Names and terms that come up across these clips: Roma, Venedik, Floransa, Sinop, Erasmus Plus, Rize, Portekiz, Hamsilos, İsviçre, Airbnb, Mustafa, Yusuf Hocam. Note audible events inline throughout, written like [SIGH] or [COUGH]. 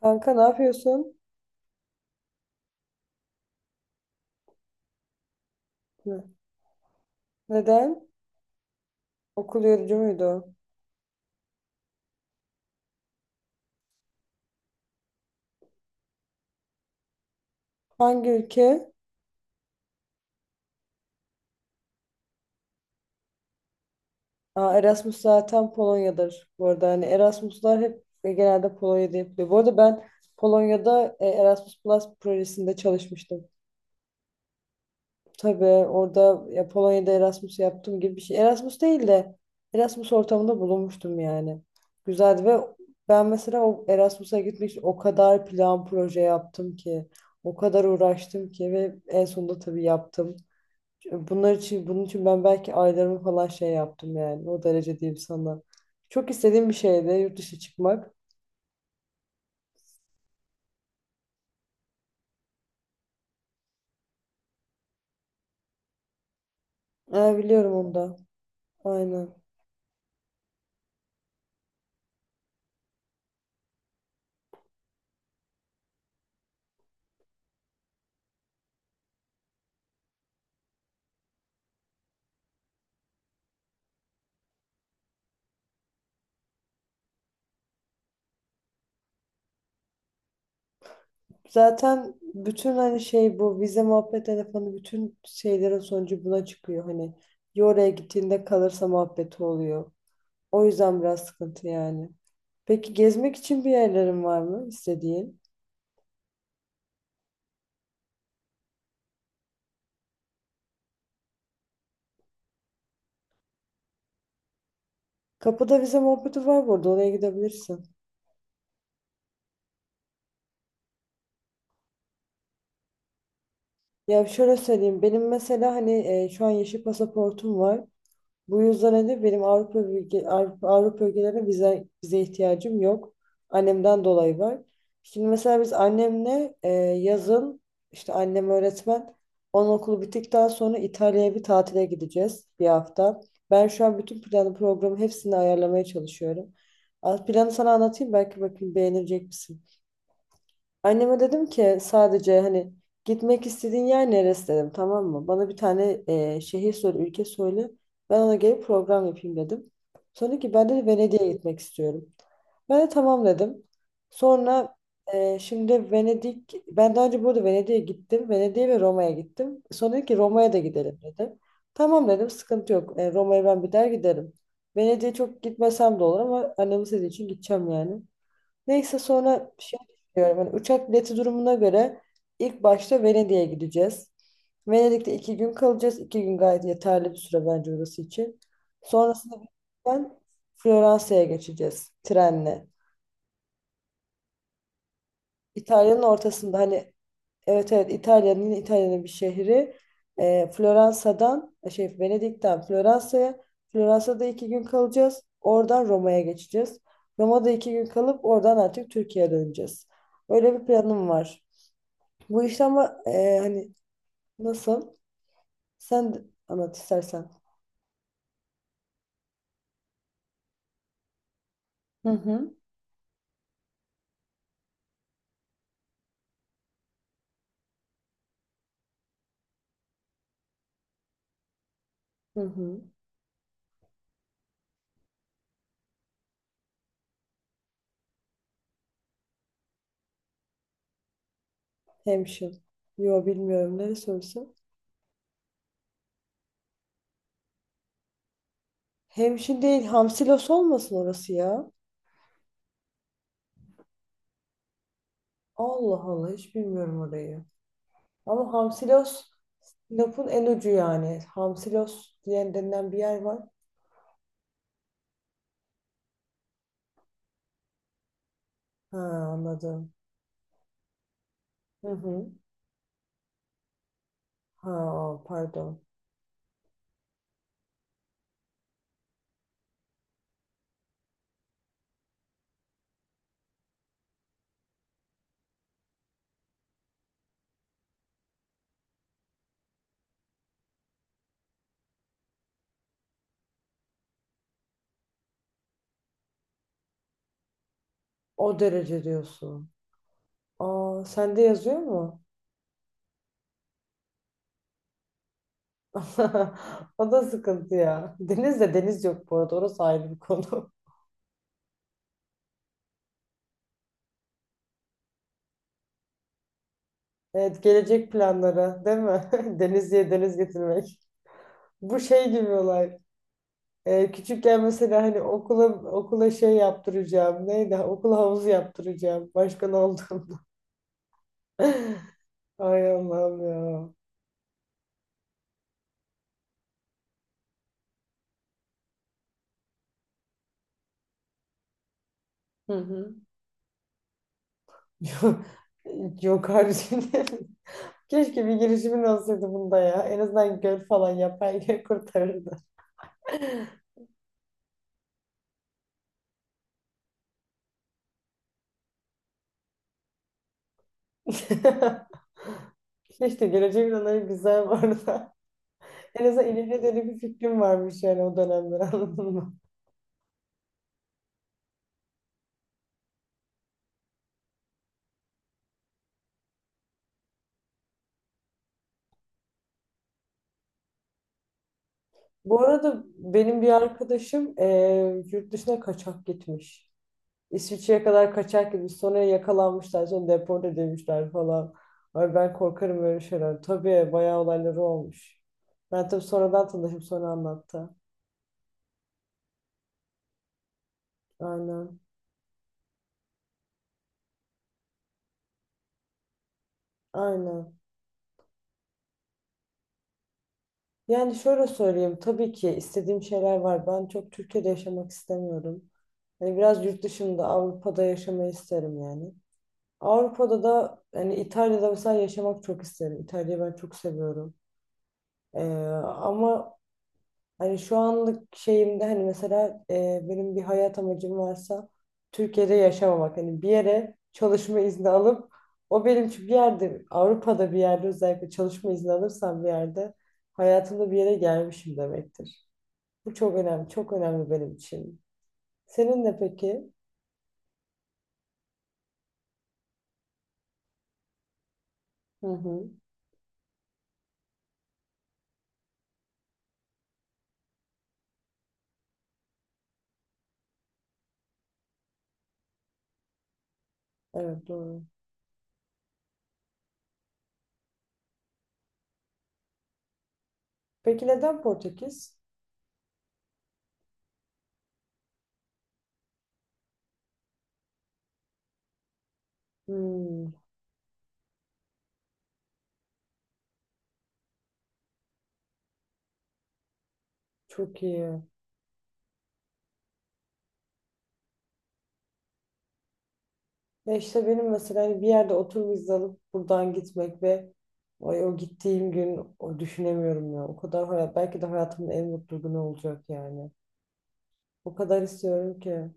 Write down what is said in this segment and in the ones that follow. Kanka ne yapıyorsun? Hı. Neden? Okul yorucu muydu? Hangi ülke? Aa, Erasmus zaten Polonya'dır. Bu arada hani Erasmus'lar hep ve genelde Polonya'da yapılıyor. Bu arada ben Polonya'da Erasmus Plus projesinde çalışmıştım. Tabii orada ya Polonya'da Erasmus yaptığım gibi bir şey. Erasmus değil de Erasmus ortamında bulunmuştum yani. Güzeldi ve ben mesela o Erasmus'a gitmek için o kadar plan proje yaptım ki. O kadar uğraştım ki ve en sonunda tabii yaptım. Bunun için ben belki aylarımı falan şey yaptım yani. O derece diyeyim sana. Çok istediğim bir şeydi yurt dışı çıkmak. Ha, biliyorum onu da. Aynen. Zaten bütün hani şey bu vize muhabbet telefonu bütün şeylerin sonucu buna çıkıyor. Hani ya oraya gittiğinde kalırsa muhabbeti oluyor. O yüzden biraz sıkıntı yani. Peki gezmek için bir yerlerin var mı istediğin? Kapıda vize muhabbeti var, burada oraya gidebilirsin. Ya şöyle söyleyeyim, benim mesela hani şu an yeşil pasaportum var. Bu yüzden de benim Avrupa ülkelerine vize ihtiyacım yok. Annemden dolayı var. Şimdi mesela biz annemle yazın, işte annem öğretmen, onun okulu bittikten sonra İtalya'ya bir tatile gideceğiz, bir hafta. Ben şu an bütün planı, programı, hepsini ayarlamaya çalışıyorum. Az planı sana anlatayım, belki bakayım beğenecek misin? Anneme dedim ki sadece hani gitmek istediğin yer neresi dedim, tamam mı? Bana bir tane şehir söyle, ülke söyle. Ben ona gelip program yapayım dedim. Sonra dedi ki ben de Venedik'e gitmek istiyorum. Ben de tamam dedim. Sonra şimdi Venedik, ben daha önce burada Venedik'e gittim. Venedik'e ve Roma'ya gittim. Sonra dedi ki Roma'ya da gidelim dedi. Tamam dedim, sıkıntı yok. Roma'ya ben bir daha giderim. Venedik'e çok gitmesem de olur ama annemin istediği için gideceğim yani. Neyse, sonra şey düşünüyorum. Hani uçak bileti durumuna göre ilk başta Venedik'e gideceğiz. Venedik'te iki gün kalacağız. İki gün gayet yeterli bir süre bence orası için. Sonrasında ben Floransa'ya geçeceğiz trenle. İtalya'nın ortasında, hani evet evet, İtalya'nın, yine İtalya'nın bir şehri. Floransa'dan şey Venedik'ten Floransa'ya, Floransa'da iki gün kalacağız. Oradan Roma'ya geçeceğiz. Roma'da iki gün kalıp oradan artık Türkiye'ye döneceğiz. Öyle bir planım var. Bu işte ama hani nasıl? Sen de anlat istersen. Hı hı. Hı hı. Hemşin. Yo, bilmiyorum, ne sorusu. Hemşin değil, Hamsilos olmasın orası ya. Allah Allah, hiç bilmiyorum orayı. Ama Hamsilos Sinop'un en ucu yani. Hamsilos diyen denilen bir yer var. Ha, anladım. Hı hı. Ha, pardon. O derece diyorsun. Aa, sende yazıyor mu? [LAUGHS] O da sıkıntı ya. Deniz de deniz yok bu arada. Orası ayrı bir konu. [LAUGHS] Evet, gelecek planları değil mi? [LAUGHS] Deniz diye deniz getirmek. Bu şey gibi olay. Küçükken mesela hani okula şey yaptıracağım. Neydi? Okula havuzu yaptıracağım. Başkan oldum. [LAUGHS] Ay Allah'ım ya. Hı hı. [LAUGHS] Yok, yok, harbiden. [LAUGHS] Keşke bir girişimin olsaydı bunda ya. En azından göl falan yapar, kurtarırdı. [LAUGHS] İşte geleceğe planları güzel bu arada. [LAUGHS] En azından ileriye dönük bir fikrim varmış yani o dönemde, [LAUGHS] anladın mı? Bu arada benim bir arkadaşım yurt dışına kaçak gitmiş. İsviçre'ye kadar kaçak gitmiş. Sonra yakalanmışlar. Sonra deport edilmişler falan. Ay, ben korkarım öyle şeyler. Tabii bayağı olayları olmuş. Ben tabii sonradan tanışıp sonra anlattı. Aynen. Aynen. Yani şöyle söyleyeyim. Tabii ki istediğim şeyler var. Ben çok Türkiye'de yaşamak istemiyorum. Hani biraz yurt dışında, Avrupa'da yaşamayı isterim yani. Avrupa'da da hani İtalya'da mesela yaşamak çok isterim. İtalya'yı ben çok seviyorum. Ee, ama hani şu anlık şeyimde hani mesela benim bir hayat amacım varsa Türkiye'de yaşamamak. Hani bir yere çalışma izni alıp, o benim için bir yerde, Avrupa'da bir yerde özellikle çalışma izni alırsam bir yerde, hayatımda bir yere gelmişim demektir. Bu çok önemli, çok önemli benim için. Senin de peki? Hı hı. Evet, doğru. Peki neden Portekiz? Hmm, çok iyi. Ya işte benim mesela hani bir yerde otur vize alıp buradan gitmek ve ay, o gittiğim gün, o düşünemiyorum ya. Belki de hayatımın en mutlu günü olacak yani. O kadar istiyorum ki.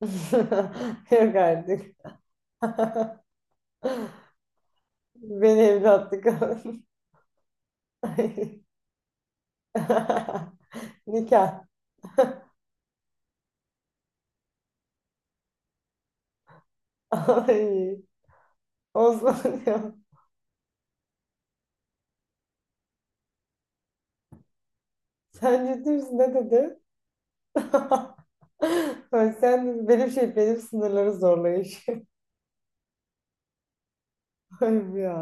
[LAUGHS] Yok artık. [LAUGHS] Beni evlatlık al. [LAUGHS] Ay. [LAUGHS] Nikah. Ay. Osman ya. Sen ciddi misin? Ne dedi? [LAUGHS] Ay, sen benim şey, benim sınırları zorlayış. [LAUGHS] Ay ya.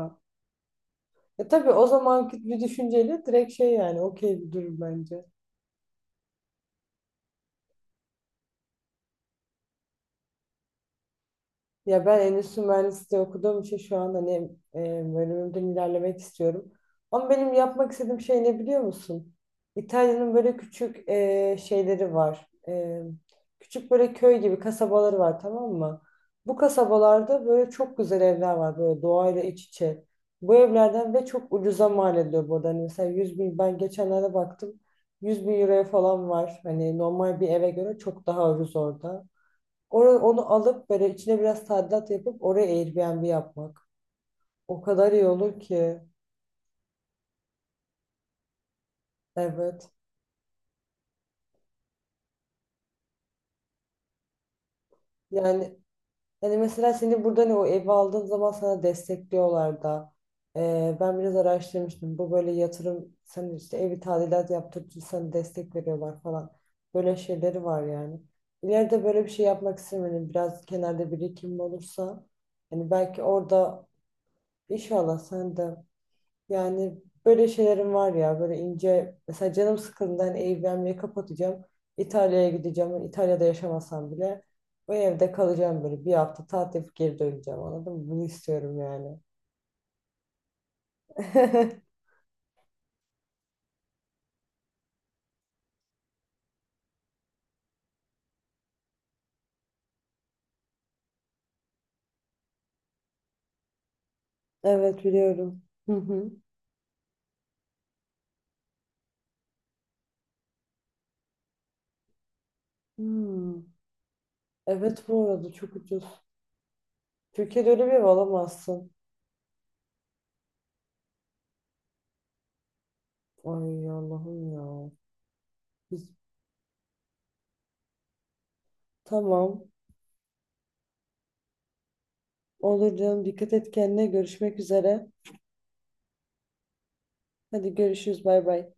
Tabii o zamanki bir düşünceyle direkt şey yani okey bir durum bence. Ya ben endüstri mühendisliği okuduğum için şu an hani e, bölümümden ilerlemek istiyorum. Ama benim yapmak istediğim şey ne biliyor musun? İtalya'nın böyle küçük şeyleri var. Küçük böyle köy gibi kasabaları var, tamam mı? Bu kasabalarda böyle çok güzel evler var, böyle doğayla iç içe. Bu evlerden, ve çok ucuza mal ediliyor burada. Hani mesela 100 bin, ben geçenlerde baktım, 100 bin euroya falan var. Hani normal bir eve göre çok daha ucuz orada. Onu alıp böyle içine biraz tadilat yapıp oraya Airbnb yapmak. O kadar iyi olur ki. Evet. Yani hani mesela seni burada ne, o evi aldığın zaman sana destekliyorlar da. Ben biraz araştırmıştım. Bu böyle yatırım, sen işte evi tadilat yaptırıcı, sana destek veriyorlar falan. Böyle şeyleri var yani. İleride böyle bir şey yapmak istemiyorum. Biraz kenarda birikim olursa hani belki orada, inşallah sen de. Yani böyle şeylerim var ya, böyle ince mesela canım sıkıldığında hani Airbnb'yi kapatacağım. İtalya'ya gideceğim. İtalya'da yaşamasam bile o evde kalacağım, böyle bir hafta tatil yapıp geri döneceğim, anladın mı? Bunu istiyorum yani. [LAUGHS] Evet, biliyorum. Hı hı. Hmm. Evet, bu arada çok ucuz. Türkiye'de öyle bir ev alamazsın. Ay Allah'ım ya. Biz, tamam. Olur canım, dikkat et kendine, görüşmek üzere. Hadi görüşürüz, bay bay.